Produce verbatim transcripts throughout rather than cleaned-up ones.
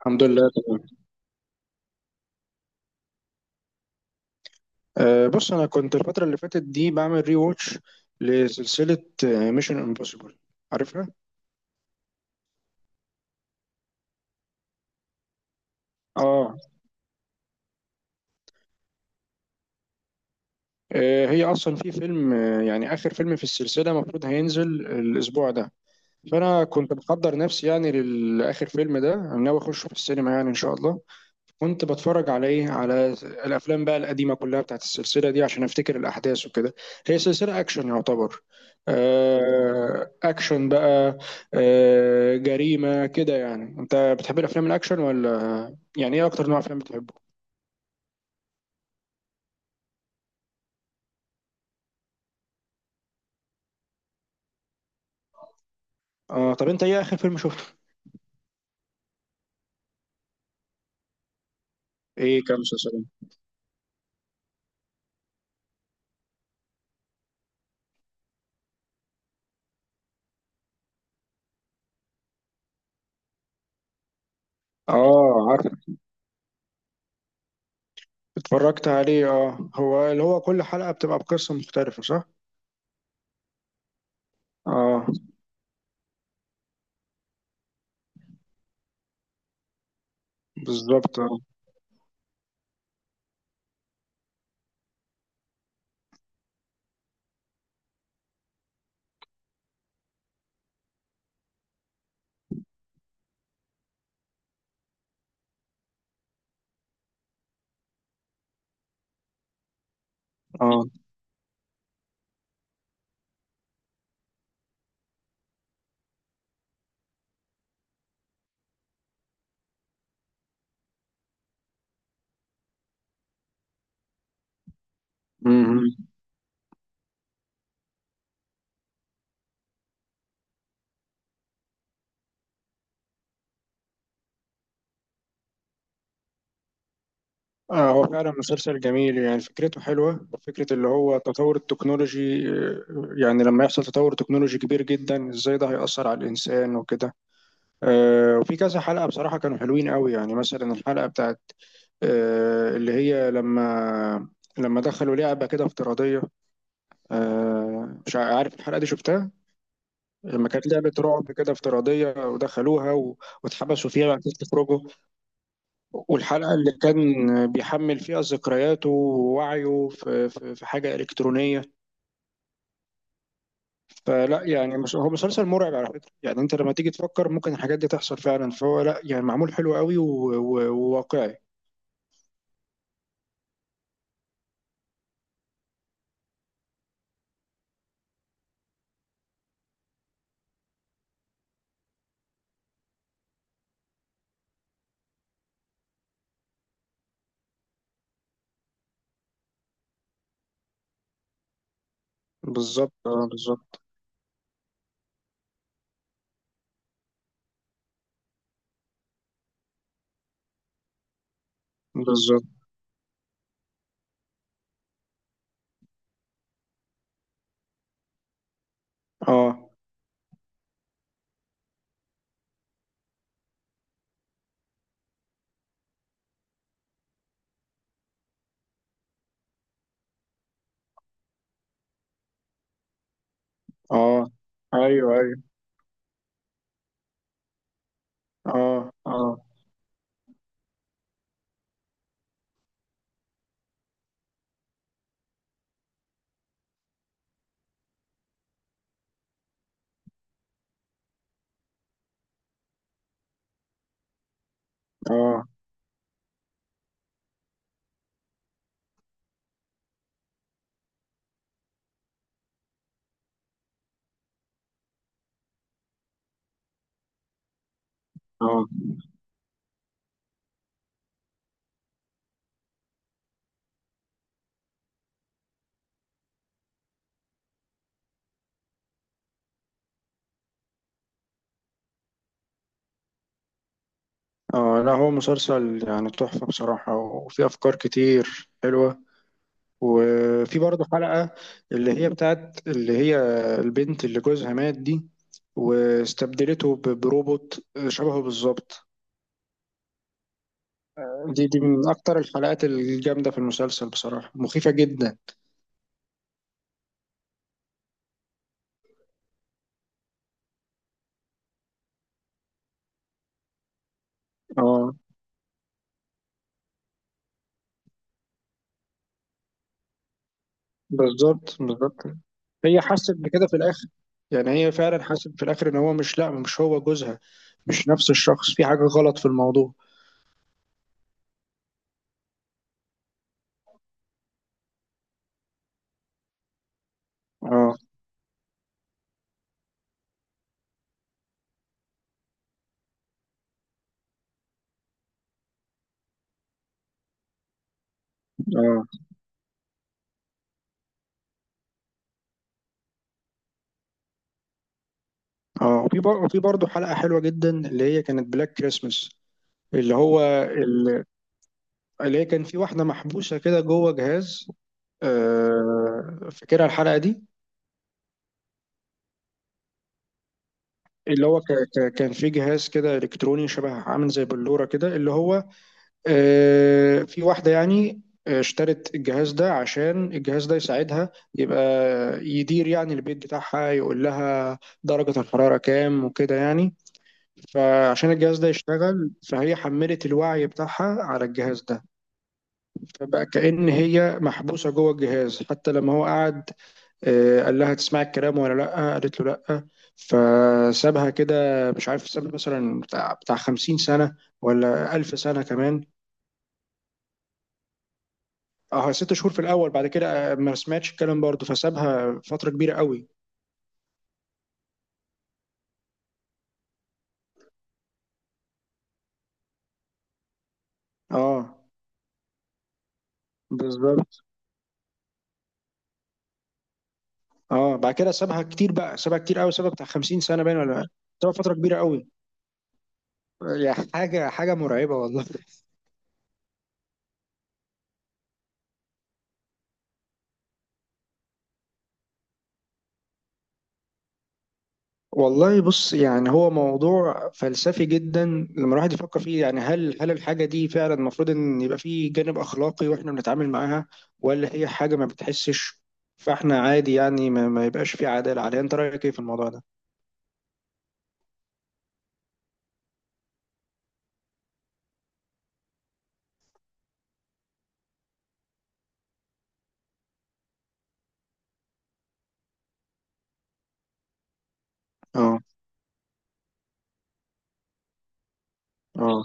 الحمد لله تمام. أه بص، انا كنت الفتره اللي فاتت دي بعمل ري واتش لسلسله ميشن امبوسيبل، عارفها؟ اه آه، هي اصلا في فيلم، آه، يعني اخر فيلم في السلسله المفروض هينزل الاسبوع ده. فانا كنت بحضر نفسي يعني للاخر فيلم ده، انا ناوي اخش في السينما يعني ان شاء الله. كنت بتفرج على ايه، على الافلام بقى القديمه كلها بتاعت السلسله دي عشان افتكر الاحداث وكده. هي سلسله اكشن يعتبر. آه، اكشن بقى. آه، جريمه كده. يعني انت بتحب الافلام الاكشن ولا؟ يعني ايه اكتر نوع افلام بتحبه؟ اه، طب انت ايه اخر فيلم شفته؟ ايه، كام مسلسل؟ اه، عارف. اتفرجت عليه؟ اه، هو اللي هو كل حلقه بتبقى بقصه مختلفه، صح؟ اه، بالظبط، اه اه. آه هو فعلا مسلسل جميل، يعني فكرته حلوة، فكرة اللي هو تطور التكنولوجي آه، يعني لما يحصل تطور تكنولوجي كبير جدا، ازاي ده هيأثر على الإنسان وكده. آه وفي كذا حلقة بصراحة كانوا حلوين قوي، يعني مثلا الحلقة بتاعت آه اللي هي لما لما دخلوا لعبة كده افتراضية. آه مش عارف الحلقة دي شفتها؟ لما كانت لعبة رعب كده افتراضية ودخلوها و- واتحبسوا فيها وبعد كده تخرجوا. والحلقة اللي كان بيحمل فيها ذكرياته ووعيه في, في, في حاجة إلكترونية. فلا يعني، مس- هو مسلسل مرعب على فكرة، يعني أنت لما تيجي تفكر ممكن الحاجات دي تحصل فعلا، فهو لا يعني معمول حلو قوي و- و- وواقعي. بالظبط، اه، بالظبط بالظبط. اه اه، ايوه ايوه، اه اه اه اه اه. لا، هو مسلسل يعني تحفة بصراحة، وفيه أفكار كتير حلوة. وفي برضه حلقة، اللي هي بتاعت اللي هي البنت اللي جوزها مات دي، واستبدلته ب- بروبوت شبهه بالظبط. دي دي من أكتر الحلقات الجامدة في المسلسل بصراحة، مخيفة جدا. اه، بالظبط بالظبط. هي حست بكده في الآخر، يعني هي فعلا حست في الآخر إن هو مش، لأ مش هو جوزها، مش نفس الشخص، في حاجة غلط في الموضوع. اه اه اه. وفي بر- وفي برضه حلقة حلوة جدا اللي هي كانت بلاك كريسمس. اللي هو اللي هي كان في واحدة محبوسة كده جوه جهاز، آه، فاكرها الحلقة دي؟ اللي هو ك- ك- كان في جهاز كده إلكتروني شبه عامل زي بلورة كده، اللي هو آه، في واحدة يعني آه، اشترت الجهاز ده عشان الجهاز ده يساعدها، يبقى يدير يعني البيت بتاعها، يقول لها درجة الحرارة كام وكده يعني. فعشان الجهاز ده يشتغل فهي حملت الوعي بتاعها على الجهاز ده. فبقى كأن هي محبوسة جوه الجهاز. حتى لما هو قعد آه، قال لها تسمعي الكلام ولا لأ، قالت له لأ، فسابها كده مش عارف ساب مثلا بتاع بتاع خمسين سنة ولا ألف سنة كمان. اه، ست شهور في الأول، بعد كده آه، ما سمعتش الكلام برضه فسابها فترة كبيرة قوي. اه، بالظبط. اه، بعد كده سابها كتير بقى، سابها كتير قوي، سابها بتاع خمسين سنة باين ولا. سابها فترة كبيرة قوي. يا حاجة، حاجة مرعبة والله. والله بص، يعني هو موضوع فلسفي جدا لما الواحد يفكر فيه. يعني هل هل الحاجة دي فعلا المفروض ان يبقى فيه جانب اخلاقي واحنا بنتعامل معاها؟ ولا هي حاجة ما بتحسش فاحنا عادي يعني ما, ما يبقاش فيه عدالة عليها؟ انت رأيك ايه في الموضوع ده؟ اه اه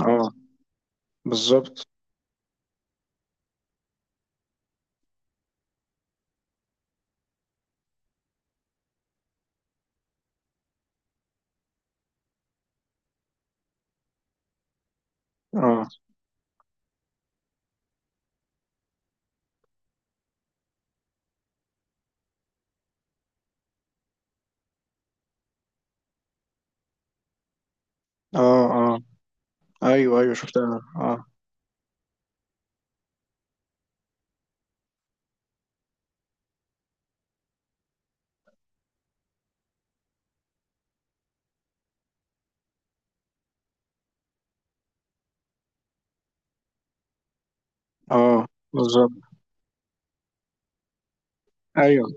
اه، بالظبط. اه اه اه، ايوه ايوه شفتها اه. اه، بالظبط. ايوه،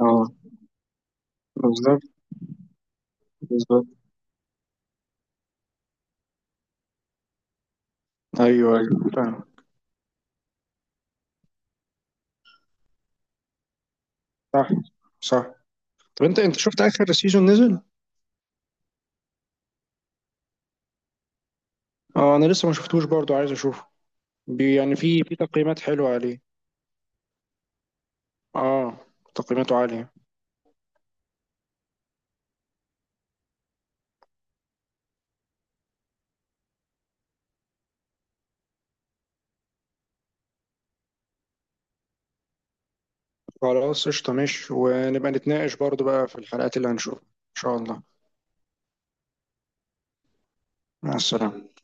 اه، بالظبط بالظبط. ايوه ايوه فاهم. صح صح. طب انت، انت شفت اخر سيزون نزل؟ اه، انا لسه ما شفتوش برضو، عايز اشوفه. بي يعني، في في تقييمات حلوة عليه. اه، تقييماته عالية. خلاص، قشطة، ماشي، ونبقى نتناقش برضو بقى في الحلقات اللي هنشوفها ان شاء الله. مع السلامة.